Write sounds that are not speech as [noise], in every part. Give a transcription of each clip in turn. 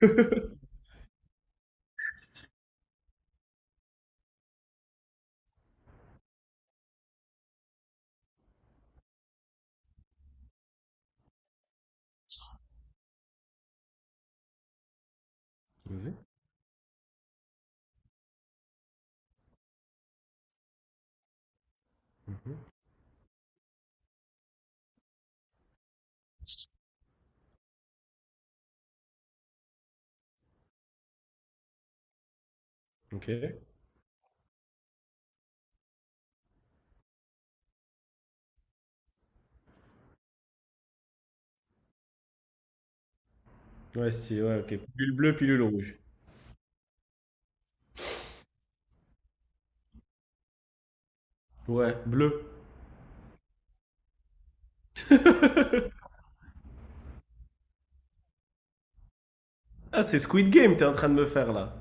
Vas-y. Mhm. Ok. Ouais, si, ouais, ok. Pilule bleue, pilule rouge. Ouais, bleu. Ah, c'est Squid Game, t'es en train de me faire là.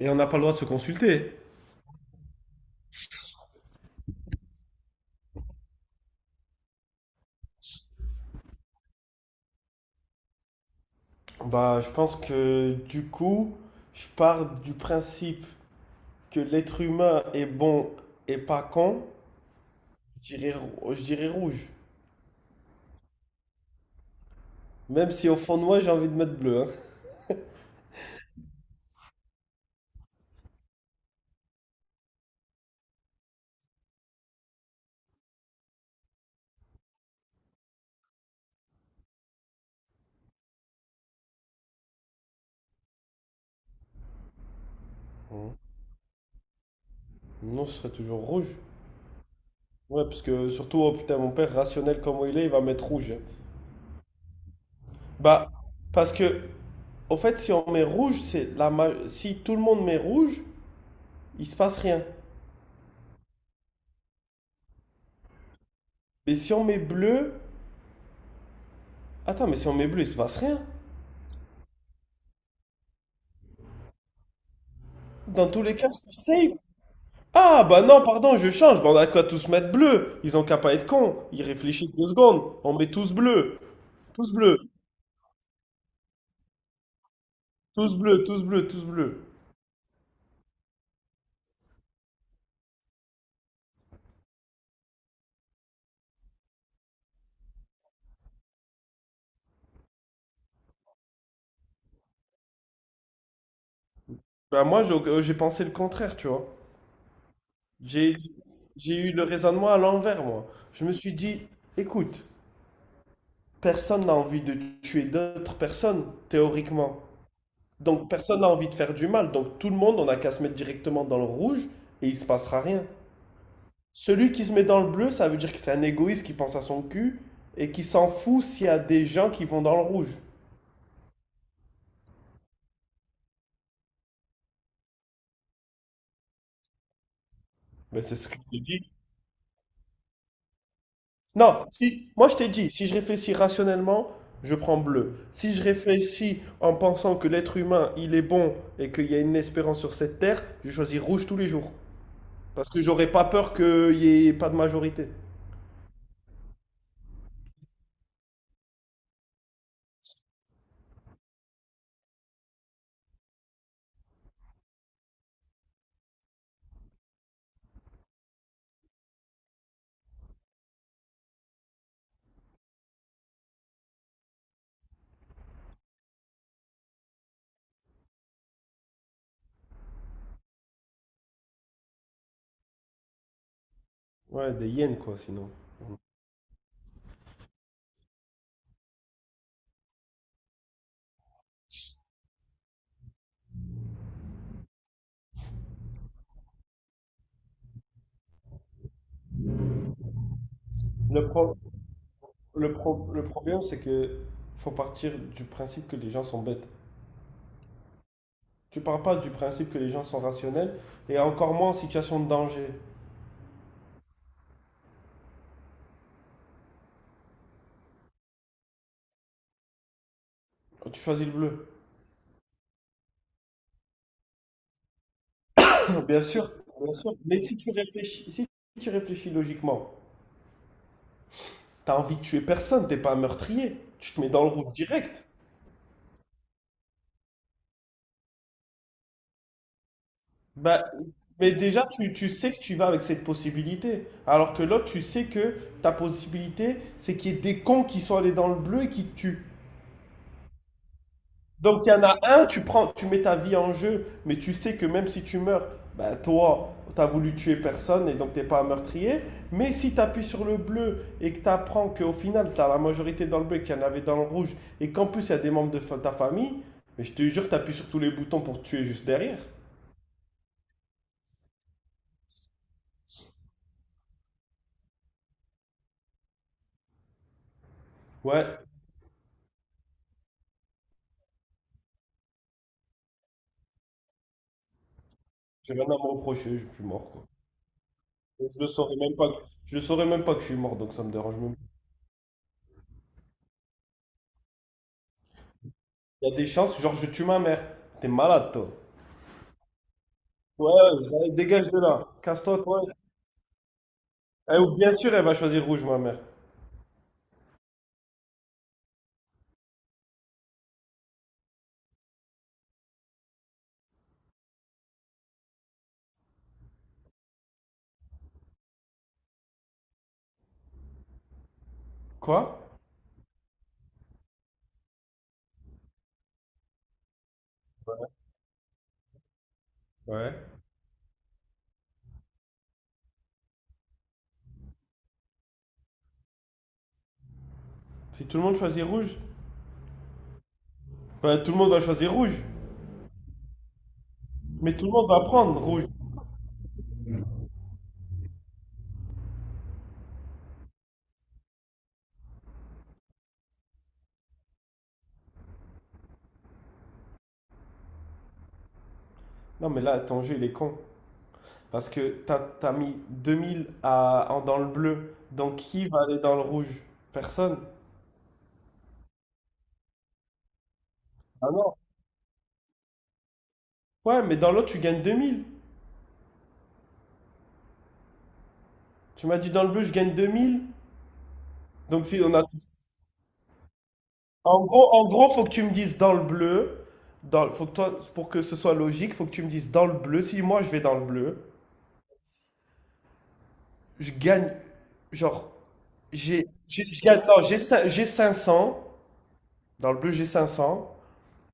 Et on n'a pas le droit de se consulter. Bah, je pense que du coup, je pars du principe que l'être humain est bon et pas con. Je dirais, je dirais rouge. Même si au fond de moi, j'ai envie de mettre bleu, hein. Mhm. Non, ce serait toujours rouge. Ouais, parce que surtout, oh putain, mon père, rationnel comme il est, il va mettre rouge, hein. Bah, parce que, au fait, si on met rouge, c'est la si tout le monde met rouge, il se passe rien. Mais si on met bleu, attends, mais si on met bleu, il se passe rien. Dans tous les cas, c'est safe. Ah, bah non, pardon, je change. Bah, on a qu'à tous mettre bleu. Ils ont qu'à pas être cons. Ils réfléchissent deux secondes. On met tous bleu. Tous bleu. Tous bleu, tous bleu, tous bleu. Bah, moi, j'ai pensé le contraire, tu vois. J'ai j'ai eu le raisonnement à l'envers, moi. Je me suis dit, écoute. Personne n'a envie de tuer d'autres personnes, théoriquement. Donc personne n'a envie de faire du mal. Donc tout le monde, on a qu'à se mettre directement dans le rouge et il se passera rien. Celui qui se met dans le bleu, ça veut dire que c'est un égoïste qui pense à son cul et qui s'en fout s'il y a des gens qui vont dans le rouge. Mais c'est ce que je te dis. Non, si, moi je t'ai dit, si je réfléchis rationnellement, je prends bleu. Si je réfléchis en pensant que l'être humain, il est bon et qu'il y a une espérance sur cette terre, je choisis rouge tous les jours. Parce que j'aurais pas peur qu'il n'y ait pas de majorité. Ouais, des yens, quoi, sinon. Le, pro- le problème, c'est que faut partir du principe que les gens sont bêtes. Tu pars pas du principe que les gens sont rationnels, et encore moins en situation de danger, quand tu choisis le bleu. [coughs] [clears throat] Bien sûr, bien sûr. Mais si tu réfléchis, si tu réfléchis logiquement, t'as envie de tuer personne, t'es pas un meurtrier. Tu te mets dans le rouge direct. Bah, mais déjà, tu sais que tu vas avec cette possibilité. Alors que l'autre, tu sais que ta possibilité, c'est qu'il y ait des cons qui sont allés dans le bleu et qui te tuent. Donc il y en a un, tu prends, tu mets ta vie en jeu, mais tu sais que même si tu meurs, bah toi, t'as voulu tuer personne et donc t'es pas un meurtrier. Mais si t'appuies sur le bleu et que t'apprends qu'au final, t'as la majorité dans le bleu et qu'il y en avait dans le rouge, et qu'en plus il y a des membres de ta famille, mais je te jure, t'appuies sur tous les boutons pour te tuer juste derrière. Ouais, j'ai rien à me reprocher, je suis mort quoi. Je le saurais même pas que, je le saurais même pas que je suis mort, donc ça me dérange même pas. Il y a des chances, genre je tue ma mère. T'es malade, toi. Ouais, dégage de là. Casse-toi, toi. Eh, ou bien sûr, elle va choisir rouge, ma mère. Quoi? Ouais. Si tout le monde choisit rouge, bah, tout le monde va choisir rouge. Mais tout le monde va prendre rouge. Non, mais là, ton jeu, il est con. Parce que t'as mis 2000 à, dans le bleu. Donc, qui va aller dans le rouge? Personne. Ah non. Ouais, mais dans l'autre, tu gagnes 2000. Tu m'as dit dans le bleu, je gagne 2000. Donc, si on a... en gros, faut que tu me dises dans le bleu, faut que toi, pour que ce soit logique, faut que tu me dises dans le bleu. Si moi je vais dans le bleu, je gagne, genre, je gagne, non, j'ai 500 dans le bleu j'ai 500.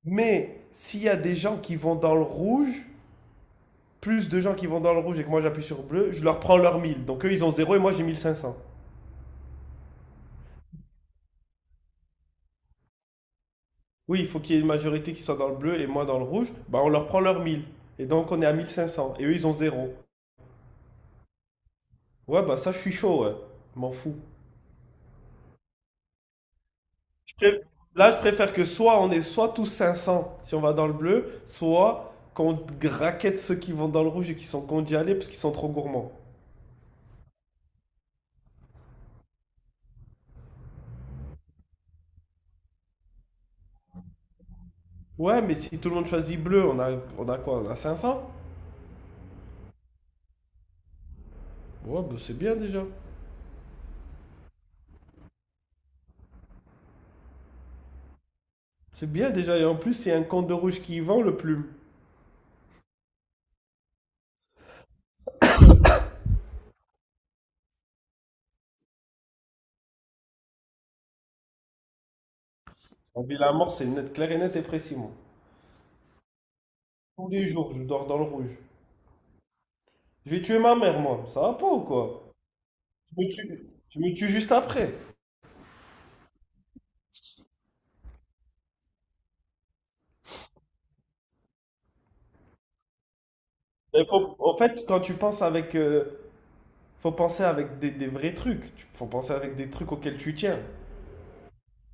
Mais s'il y a des gens qui vont dans le rouge, plus de gens qui vont dans le rouge et que moi j'appuie sur bleu, je leur prends leur 1000. Donc eux ils ont zéro et moi j'ai 1500. Oui, il faut qu'il y ait une majorité qui soit dans le bleu et moi dans le rouge, bah on leur prend leur mille. Et donc on est à 1500 et eux ils ont zéro. Ouais, bah ça, je suis chaud, ouais. Je m'en fous. Je pré- Là, je préfère que soit on est soit tous 500 si on va dans le bleu, soit qu'on graquette ceux qui vont dans le rouge et qui sont condamnés d'y aller parce qu'ils sont trop gourmands. Ouais, mais si tout le monde choisit bleu, on a quoi? On a 500? Ouais, bah c'est bien déjà. C'est bien déjà. Et en plus, c'est un compte de rouge qui y vend le plume. En ville à mort, c'est net, clair et net et précis, moi. Tous les jours, je dors dans le rouge. Je vais tuer ma mère, moi. Ça va pas ou quoi? Je me tue juste après. Il faut, en fait, quand tu penses avec faut penser avec des vrais trucs. Faut penser avec des trucs auxquels tu tiens.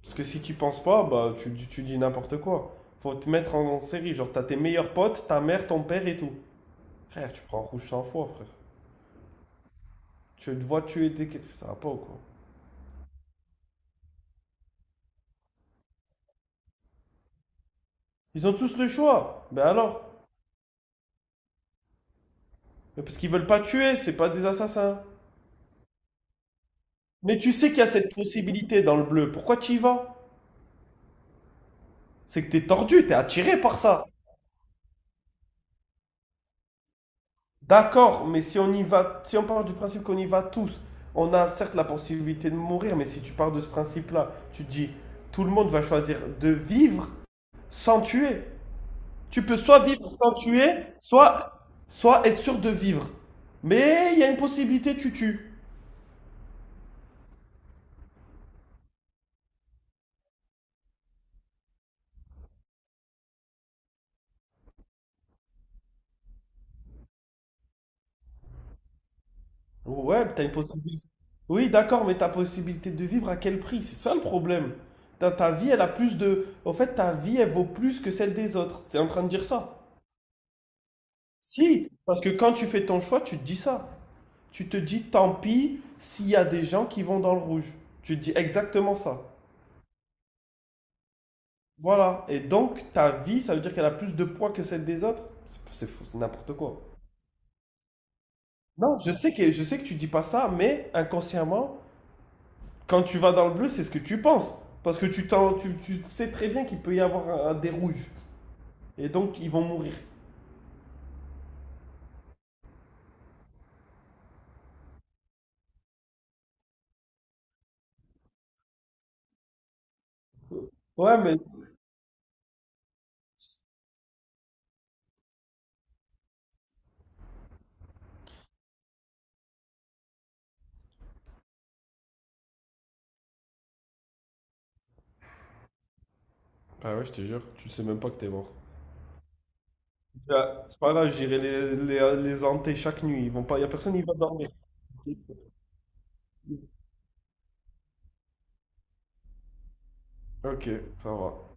Parce que si tu penses pas, bah tu dis n'importe quoi. Faut te mettre en série. Genre, t'as tes meilleurs potes, ta mère, ton père et tout. Frère, tu prends rouge 100 fois, frère. Tu te vois tuer des. Ça va pas ou quoi? Ils ont tous le choix. Ben alors, mais parce qu'ils veulent pas tuer, c'est pas des assassins. Mais tu sais qu'il y a cette possibilité dans le bleu. Pourquoi tu y vas? C'est que t'es tordu, t'es attiré par ça. D'accord, mais si on y va, si on part du principe qu'on y va tous, on a certes la possibilité de mourir, mais si tu pars de ce principe-là, tu te dis tout le monde va choisir de vivre sans tuer. Tu peux soit vivre sans tuer, soit, soit être sûr de vivre. Mais il y a une possibilité, tu tues. Ouais, t'as une possibilité. Oui, d'accord, mais ta possibilité de vivre à quel prix? C'est ça le problème. Ta vie, elle a plus de... En fait, ta vie, elle vaut plus que celle des autres. T'es en train de dire ça. Si, parce que quand tu fais ton choix, tu te dis ça. Tu te dis tant pis s'il y a des gens qui vont dans le rouge. Tu te dis exactement ça. Voilà. Et donc, ta vie, ça veut dire qu'elle a plus de poids que celle des autres. C'est fou, c'est n'importe quoi. Non, je sais que tu dis pas ça, mais inconsciemment, quand tu vas dans le bleu, c'est ce que tu penses. Parce que tu sais très bien qu'il peut y avoir un des rouges. Et donc, ils vont mourir. Ouais, mais... Bah ouais, je te jure, tu sais même pas que t'es mort. Ah, c'est pas grave, j'irai les hanter chaque nuit. Ils vont pas, Y a personne qui va dormir. Ok, ça va.